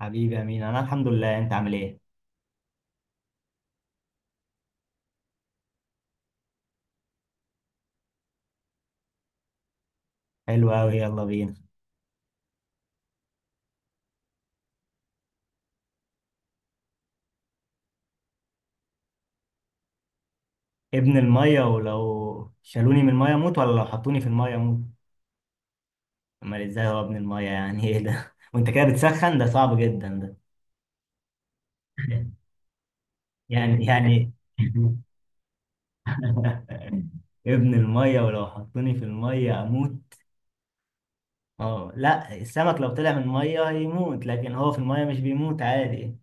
حبيبي امين، انا الحمد لله. انت عامل ايه؟ حلو قوي، يلا بينا. ابن الميه ولو شالوني من الميه اموت، ولا لو حطوني في الميه اموت؟ امال ازاي؟ هو ابن الميه يعني ايه ده؟ وانت كده بتسخن، ده صعب جدا ده. يعني. ابن الميه ولو حطوني في الميه اموت. اه لا، السمك لو طلع من الميه هيموت، لكن هو في الميه مش بيموت عادي.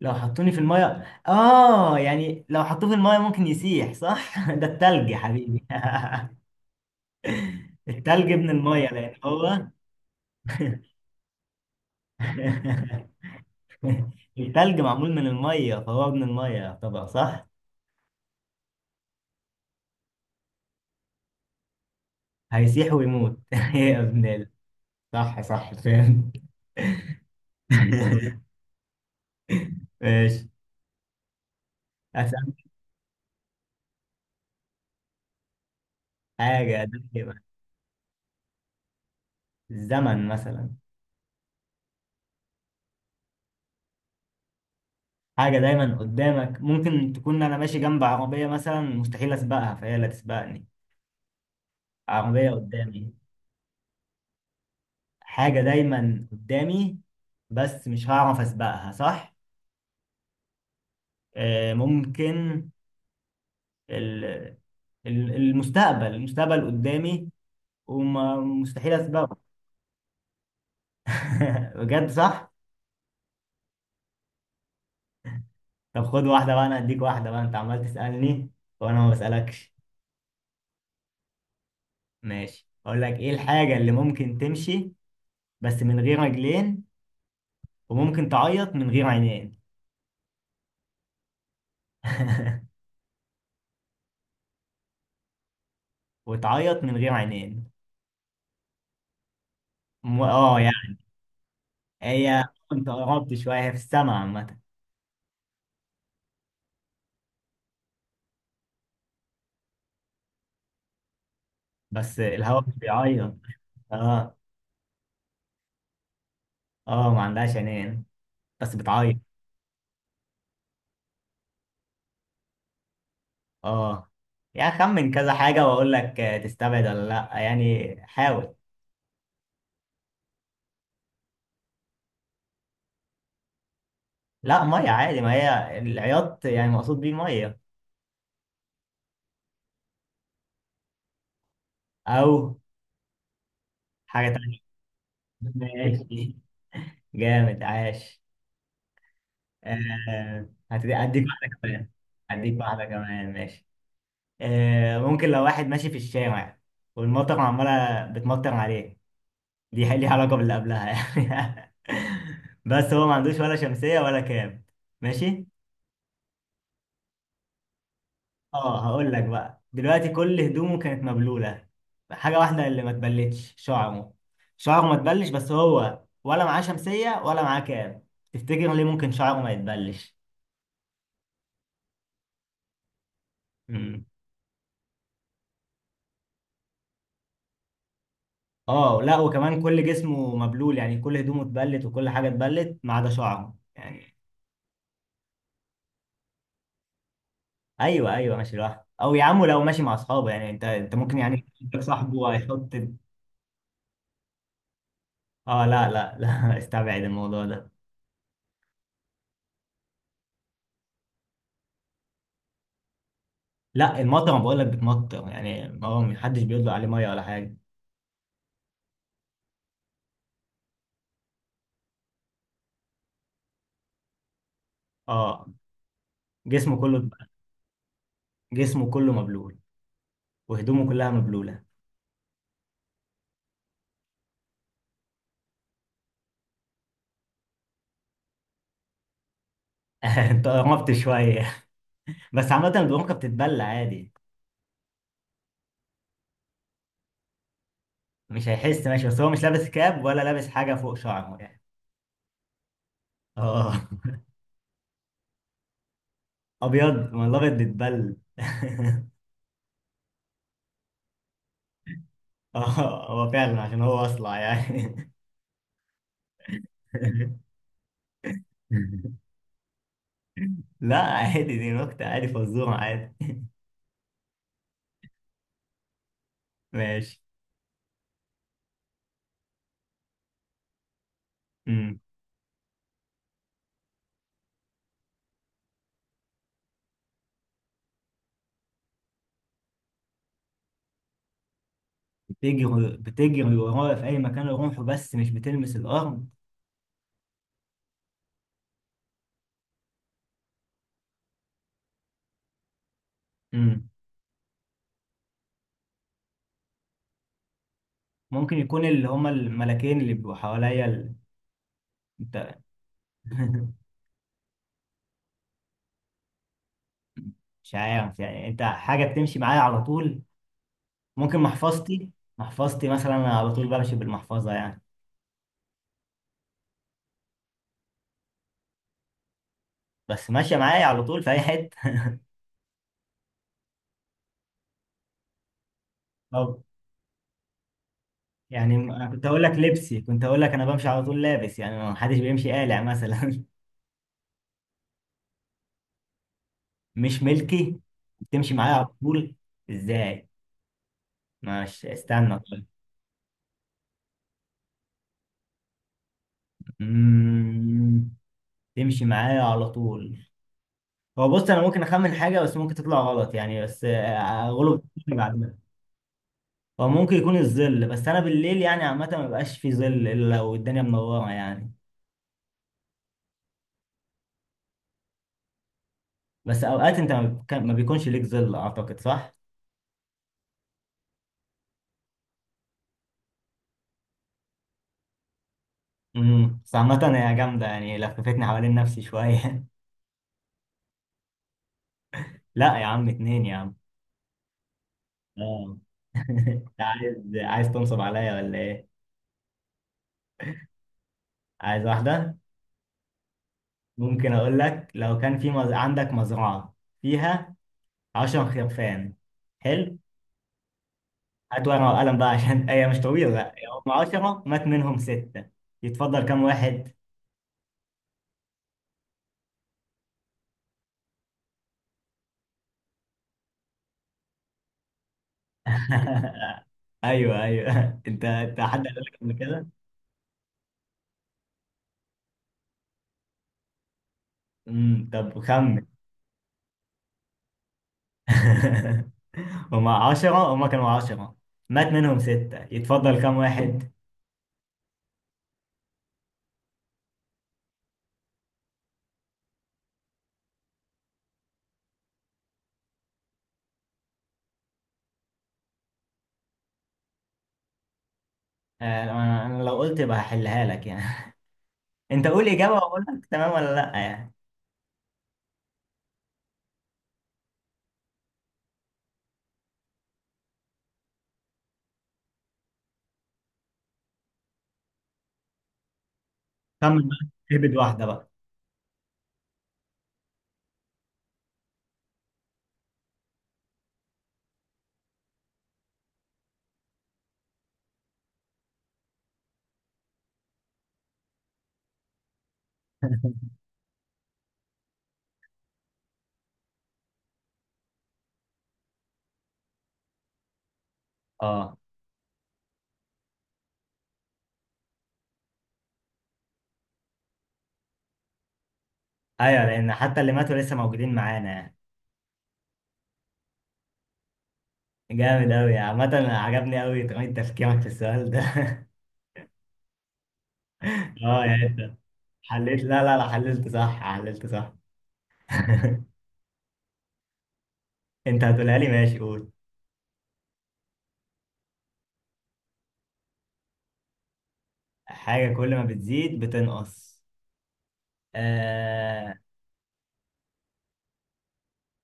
لو حطوني في الميه. اه يعني لو حطوه في الميه ممكن يسيح، صح؟ ده التلج يا حبيبي. التلج من المية لأن هو التلج معمول من المية، فهو ابن المية طبعا، صح. هيسيح ويموت يا ابن صح صح، فاهم. ماشي. أسأل. حاجة دايما. الزمن مثلا. حاجة دايما قدامك، ممكن تكون أنا ماشي جنب عربية مثلا، مستحيل أسبقها فهي لا تسبقني. عربية قدامي. حاجة دايما قدامي. بس مش هعرف أسبقها، صح. ممكن ال- المستقبل قدامي. ومستحيل اسبقه. بجد، صح. طب خد واحده بقى، انا اديك واحده بقى، انت عمال تسالني وانا ما بسالكش. ماشي، اقول لك ايه الحاجه اللي ممكن تمشي بس من غير رجلين، وممكن تعيط من غير عينين؟ وتعيط من غير عينين. اه يعني. هي كنت قربت شويه، هي في السما عامه. بس الهواء مش بيعيط. اه. اه، ما عندهاش عينين بس بتعيط. اه يعني خمن كذا حاجة واقول لك تستبعد ولا لا، يعني حاول. لا مية عادي، ما هي العياط يعني مقصود بيه مية. او حاجة تانية. ماشي، جامد عاش. هتدي اديك واحدة كمان. اديك واحدة كمان، ماشي. ممكن لو واحد ماشي في الشارع والمطر عمالة بتمطر عليه، دي ليها علاقة باللي قبلها يعني. بس هو ما عندوش ولا شمسية ولا كام. ماشي. اه هقول لك بقى دلوقتي، كل هدومه كانت مبلوله، حاجه واحده اللي ما اتبلتش شعره. شعره ما اتبلش، بس هو ولا معاه شمسيه ولا معاه كاب. تفتكر ليه ممكن شعره ما يتبلش؟ مم. اه لا، وكمان كل جسمه مبلول يعني، كل هدومه اتبلت وكل حاجه اتبلت ما عدا شعره يعني. ايوه ايوه، ماشي لوحده. او يا عم لو ماشي مع اصحابه يعني، انت ممكن يعني يجيب صاحبه وهيحط. اه لا لا لا، استبعد الموضوع ده. لا المطر بقول لك بتمطر يعني، هو محدش بيطلق عليه ميه ولا حاجه. اه. جسمه كله. جسمه كله مبلول. وهدومه كلها مبلوله. انت قربت شويه، بس عامه البرونكه بتتبلى عادي. مش هيحس ماشي، بس هو مش لابس كاب ولا لابس حاجه فوق شعره يعني. اه. ابيض، ما الابيض بيتبل. اه هو فعلا عشان هو اصلع يعني. لا عادي، دي نكته عادي، فزوره عادي. ماشي. امم. بتجري ورايا في اي مكان اروحه، بس مش بتلمس الارض. ممكن يكون اللي هما الملاكين اللي بيبقوا حواليا انت. مش عارف يعني، انت حاجة بتمشي معايا على طول؟ ممكن محفظتي. محفظتي مثلا، انا على طول بمشي بالمحفظة يعني. بس ماشية معايا على طول في اي حتة. طب يعني، انا كنت هقول لك لبسي، كنت هقول لك انا بمشي على طول لابس يعني، ما حدش بيمشي قالع مثلا. مش ملكي. بتمشي معايا على طول ازاي؟ ماشي، استنى طيب. مم. تمشي معايا على طول. هو بص، انا ممكن اخمن حاجه بس ممكن تطلع غلط يعني، بس اغلب بعدها. هو ممكن يكون الظل، بس انا بالليل يعني عامه ما بيبقاش في ظل الا لو الدنيا منوره يعني. بس اوقات انت ما بيكونش ليك ظل، اعتقد صح. بس عامه هي جامده يعني، لففتني حوالين نفسي شويه. لا يا عم، اتنين يا عم. اه. عايز. عايز تنصب عليا ولا ايه؟ عايز واحده. ممكن اقول لك، لو كان في عندك مزرعه فيها 10 خرفان. حلو. هات ورقة وقلم بقى عشان هي مش طويلة لا. هم 10 مات منهم ستة، يتفضل كام واحد؟ ايوه ايوه، انت حد قال لك قبل كده؟ طب خمن. هم 10، هم كانوا 10 مات منهم ستة، يتفضل كام واحد؟ انا لو قلت يبقى هحلها لك يعني. انت قول اجابة واقول لك تمام ولا لا يعني. خمن بقى، اهبد واحدة بقى. اه. ايوه، لان حتى اللي ماتوا لسه موجودين معانا يعني. جامد أوي، عامة عجبني أوي طريقة تفكيرك في السؤال ده. اه يعني انت حللت. لا لا لا، حللت صح، حللت صح. انت هتقولها لي، ماشي، قول. حاجة كل ما بتزيد بتنقص. آه.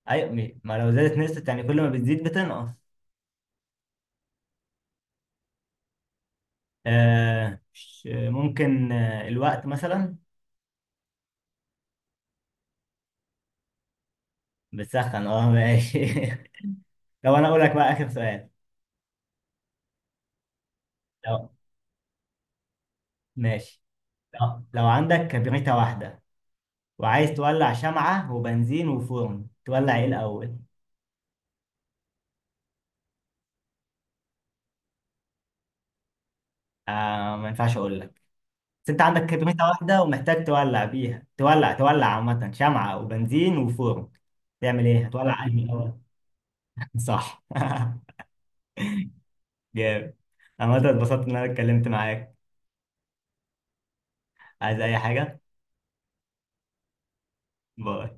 ايوه ما لو زادت نسبة يعني، كل ما بتزيد بتنقص. ممكن الوقت مثلا. بتسخن، اه ماشي. لو انا اقول لك بقى اخر سؤال. لو ماشي. لو عندك كبريتة واحدة وعايز تولع شمعة وبنزين وفرن، تولع ايه الأول؟ ما ينفعش اقول لك. بس انت عندك كمية واحدة ومحتاج تولع بيها، تولع عامة شمعة وبنزين وفرن، تعمل ايه؟ هتولع انهي الاول؟ صح. جامد. عامة اتبسطت ان انا اتكلمت معاك. عايز اي حاجة. باي.